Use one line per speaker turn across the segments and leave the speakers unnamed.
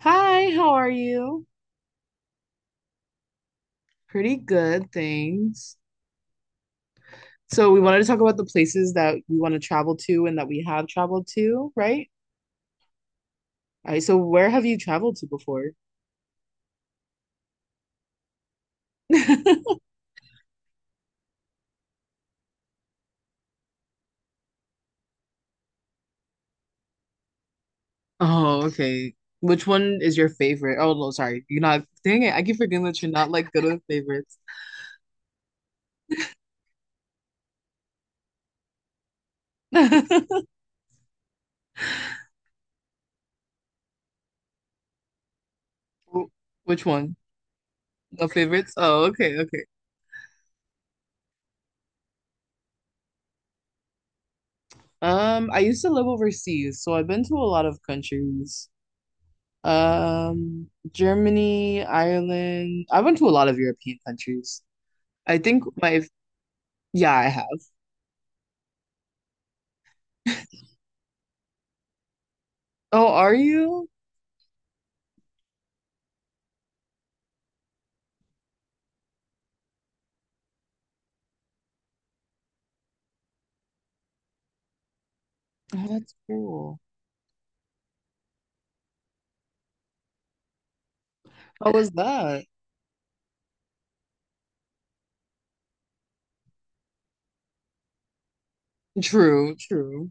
Hi, how are you? Pretty good, thanks. So we wanted to talk about the places that we want to travel to and that we have traveled to, right? All right, so where have you traveled to before? Oh, okay. Which one is your favorite? Oh, no, sorry. You're not, dang it, I keep forgetting that you're not like good with favorites. Wh- Which one? The favorites? Oh, okay, okay. I used to live overseas, so I've been to a lot of countries. Germany, Ireland. I went to a lot of European countries. I think my, yeah, I have. Oh, are you? Oh, that's cool. How was that? True, true.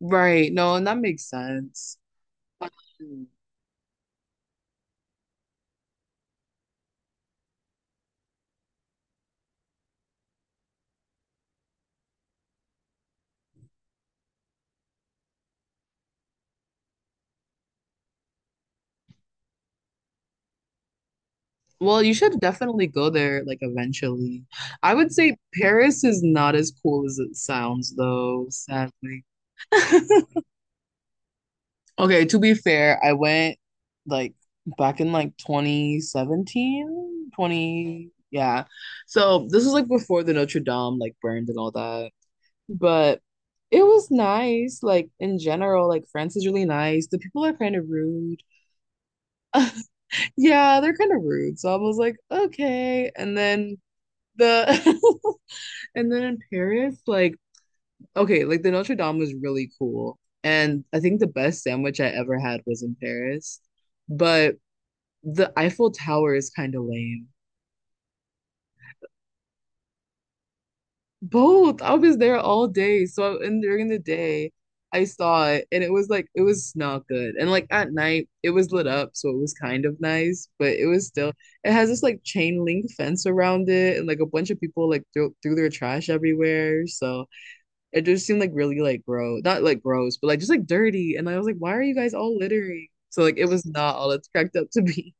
Right. No, and that makes sense. Um, Well, you should definitely go there like eventually. I would say Paris is not as cool as it sounds though, sadly. Okay, to be fair, I went like back in like 2017, twenty. Yeah. So this was like before the Notre Dame like burned and all that. But it was nice, like in general, like France is really nice. The people are kind of rude. Yeah, they're kind of rude. So I was like, okay. And then the And then in Paris, like, okay, like the Notre Dame was really cool. And I think the best sandwich I ever had was in Paris, but the Eiffel Tower is kind of lame. Both. I was there all day. So and during the day, I saw it and it was like it was not good. And like at night, it was lit up, so it was kind of nice, but it was still it has this like chain link fence around it and like a bunch of people like threw their trash everywhere. So it just seemed like really like gross. Not like gross, but like just like dirty. And I was like, why are you guys all littering? So like it was not all it's cracked up to be.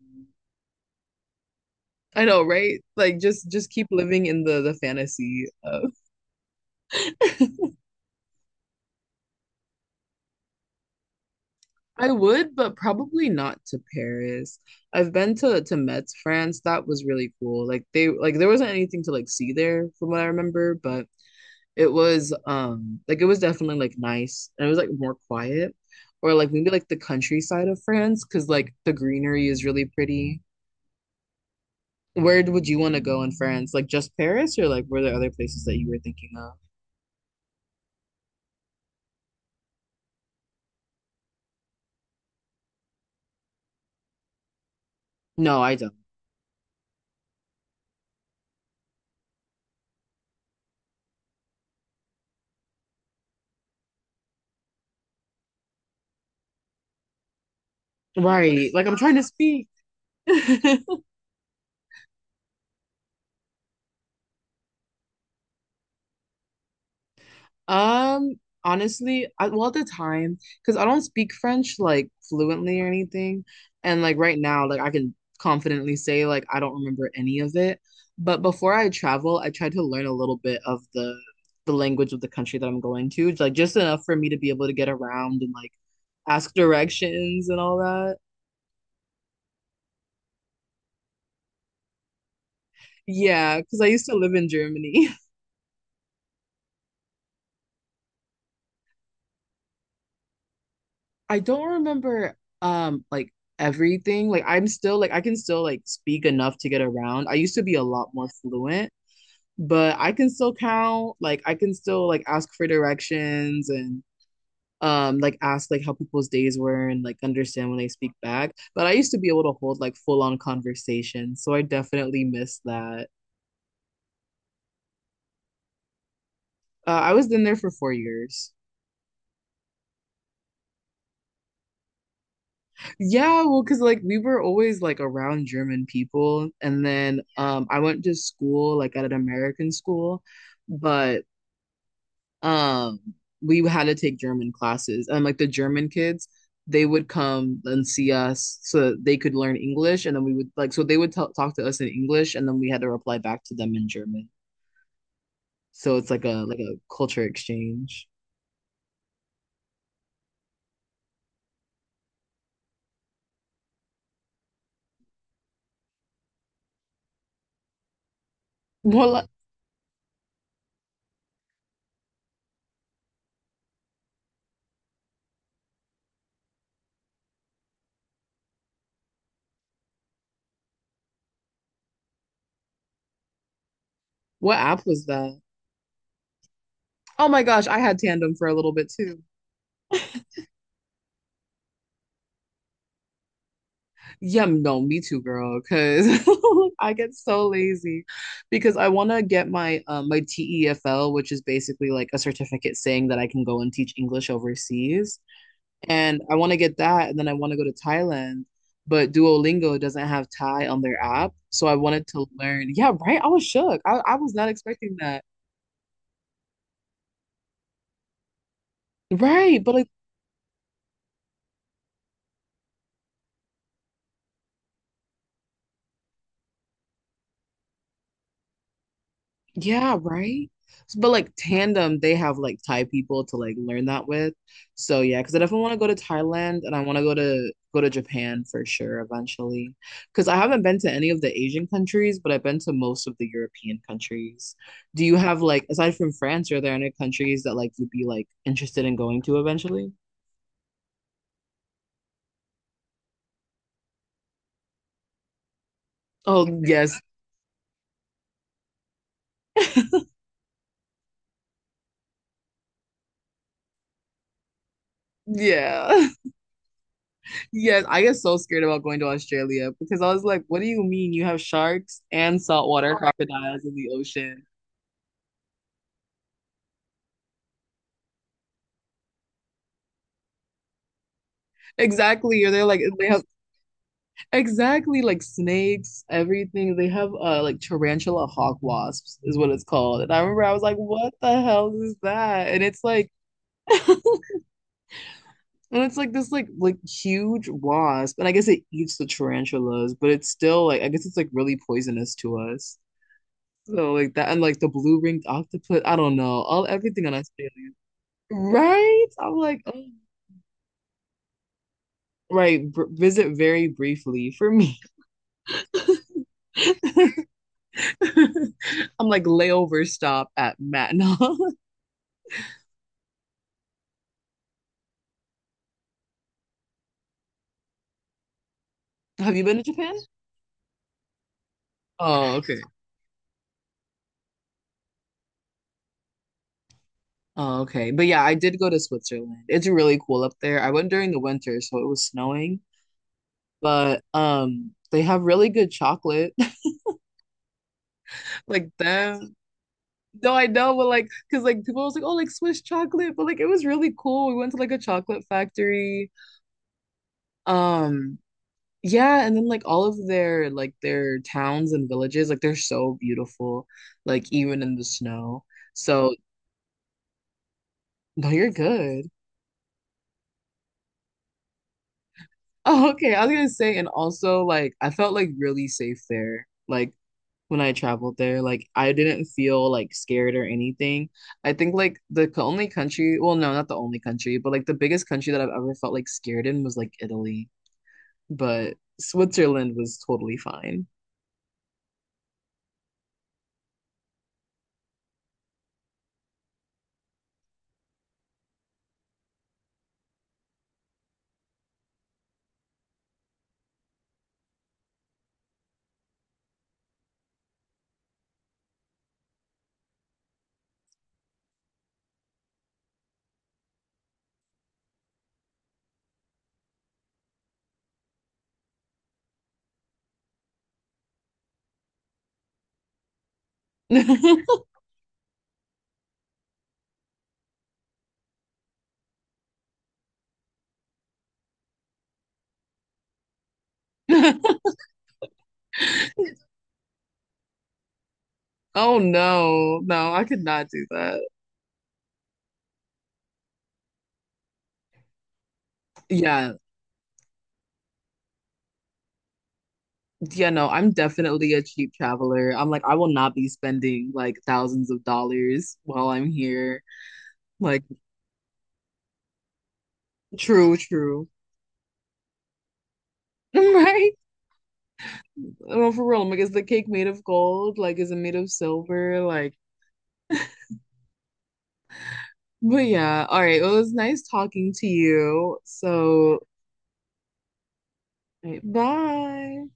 I know, right? Like just keep living in the fantasy of I would, but probably not to Paris. I've been to Metz, France. That was really cool. Like they like there wasn't anything to like see there from what I remember, but it was like it was definitely like nice and it was like more quiet or like maybe like the countryside of France because like the greenery is really pretty. Where would you want to go in France? Like just Paris or like were there other places that you were thinking of? No, I don't. Right. Like I'm trying to speak. Um, honestly, well, at the time, because I don't speak French like fluently or anything, and like right now, like I can confidently say like I don't remember any of it. But before I travel, I tried to learn a little bit of the language of the country that I'm going to, like just enough for me to be able to get around and like ask directions and all that. Yeah, because I used to live in Germany. I don't remember like everything. Like I'm still like I can still like speak enough to get around. I used to be a lot more fluent, but I can still count. Like I can still like ask for directions and like ask like how people's days were and like understand when they speak back. But I used to be able to hold like full on conversations, so I definitely miss that. I was in there for 4 years. Yeah, well, because like we were always like around German people, and then I went to school like at an American school, but um we had to take German classes, and like the German kids, they would come and see us so that they could learn English, and then we would like so they would talk to us in English, and then we had to reply back to them in German. So it's like a culture exchange. What Mm. what app was that? Oh my gosh, I had Tandem for a little bit too. Yeah, no, me too, girl, because I get so lazy because I want to get my TEFL, which is basically like a certificate saying that I can go and teach English overseas. And I want to get that, and then I want to go to Thailand, but Duolingo doesn't have Thai on their app, so I wanted to learn. Yeah, right. I was shook. I was not expecting that. Right, but like Yeah, right. But like Tandem, they have like Thai people to like learn that with. So yeah, because I definitely want to go to Thailand and I want to go to Japan for sure eventually. Because I haven't been to any of the Asian countries, but I've been to most of the European countries. Do you have like aside from France, are there any countries that like you'd be like interested in going to eventually? Oh yes. Yeah. Yes, I get so scared about going to Australia because I was like, what do you mean you have sharks and saltwater crocodiles in the ocean? Exactly. Or they're like they have exactly like snakes, everything. They have like tarantula hawk wasps is what it's called. And I remember I was like, what the hell is that? And it's like and it's like this like huge wasp. And I guess it eats the tarantulas, but it's still like I guess it's like really poisonous to us. So like that and like the blue-ringed octopus. I don't know. All everything on Australia. Right? I'm like, oh. Right. Br Visit very briefly for me. I'm like layover stop at Matinal. Have you been to Japan? Oh, okay. Oh, okay. But yeah, I did go to Switzerland. It's really cool up there. I went during the winter, so it was snowing, but they have really good chocolate. Like them. No, I know, but like, cause like people was like, oh, like Swiss chocolate, but like it was really cool. We went to like a chocolate factory. Um, yeah, and then like all of their like their towns and villages, like they're so beautiful, like even in the snow. So No, you're good. Oh, okay. I was gonna say, and also like I felt like really safe there. Like when I traveled there, like I didn't feel like scared or anything. I think like the only country, well, no, not the only country, but like the biggest country that I've ever felt like scared in was like Italy, but Switzerland was totally fine. Oh no, no, I could not do that. Yeah, yeah, no, I'm definitely a cheap traveler. I'm like, I will not be spending like thousands of dollars while I'm here. Like, true, true. Right? Well, for real, I'm like, is the cake made of gold? Like, is it made of silver? Like, but yeah. All right. Well, it was nice talking to you. So, all right, bye.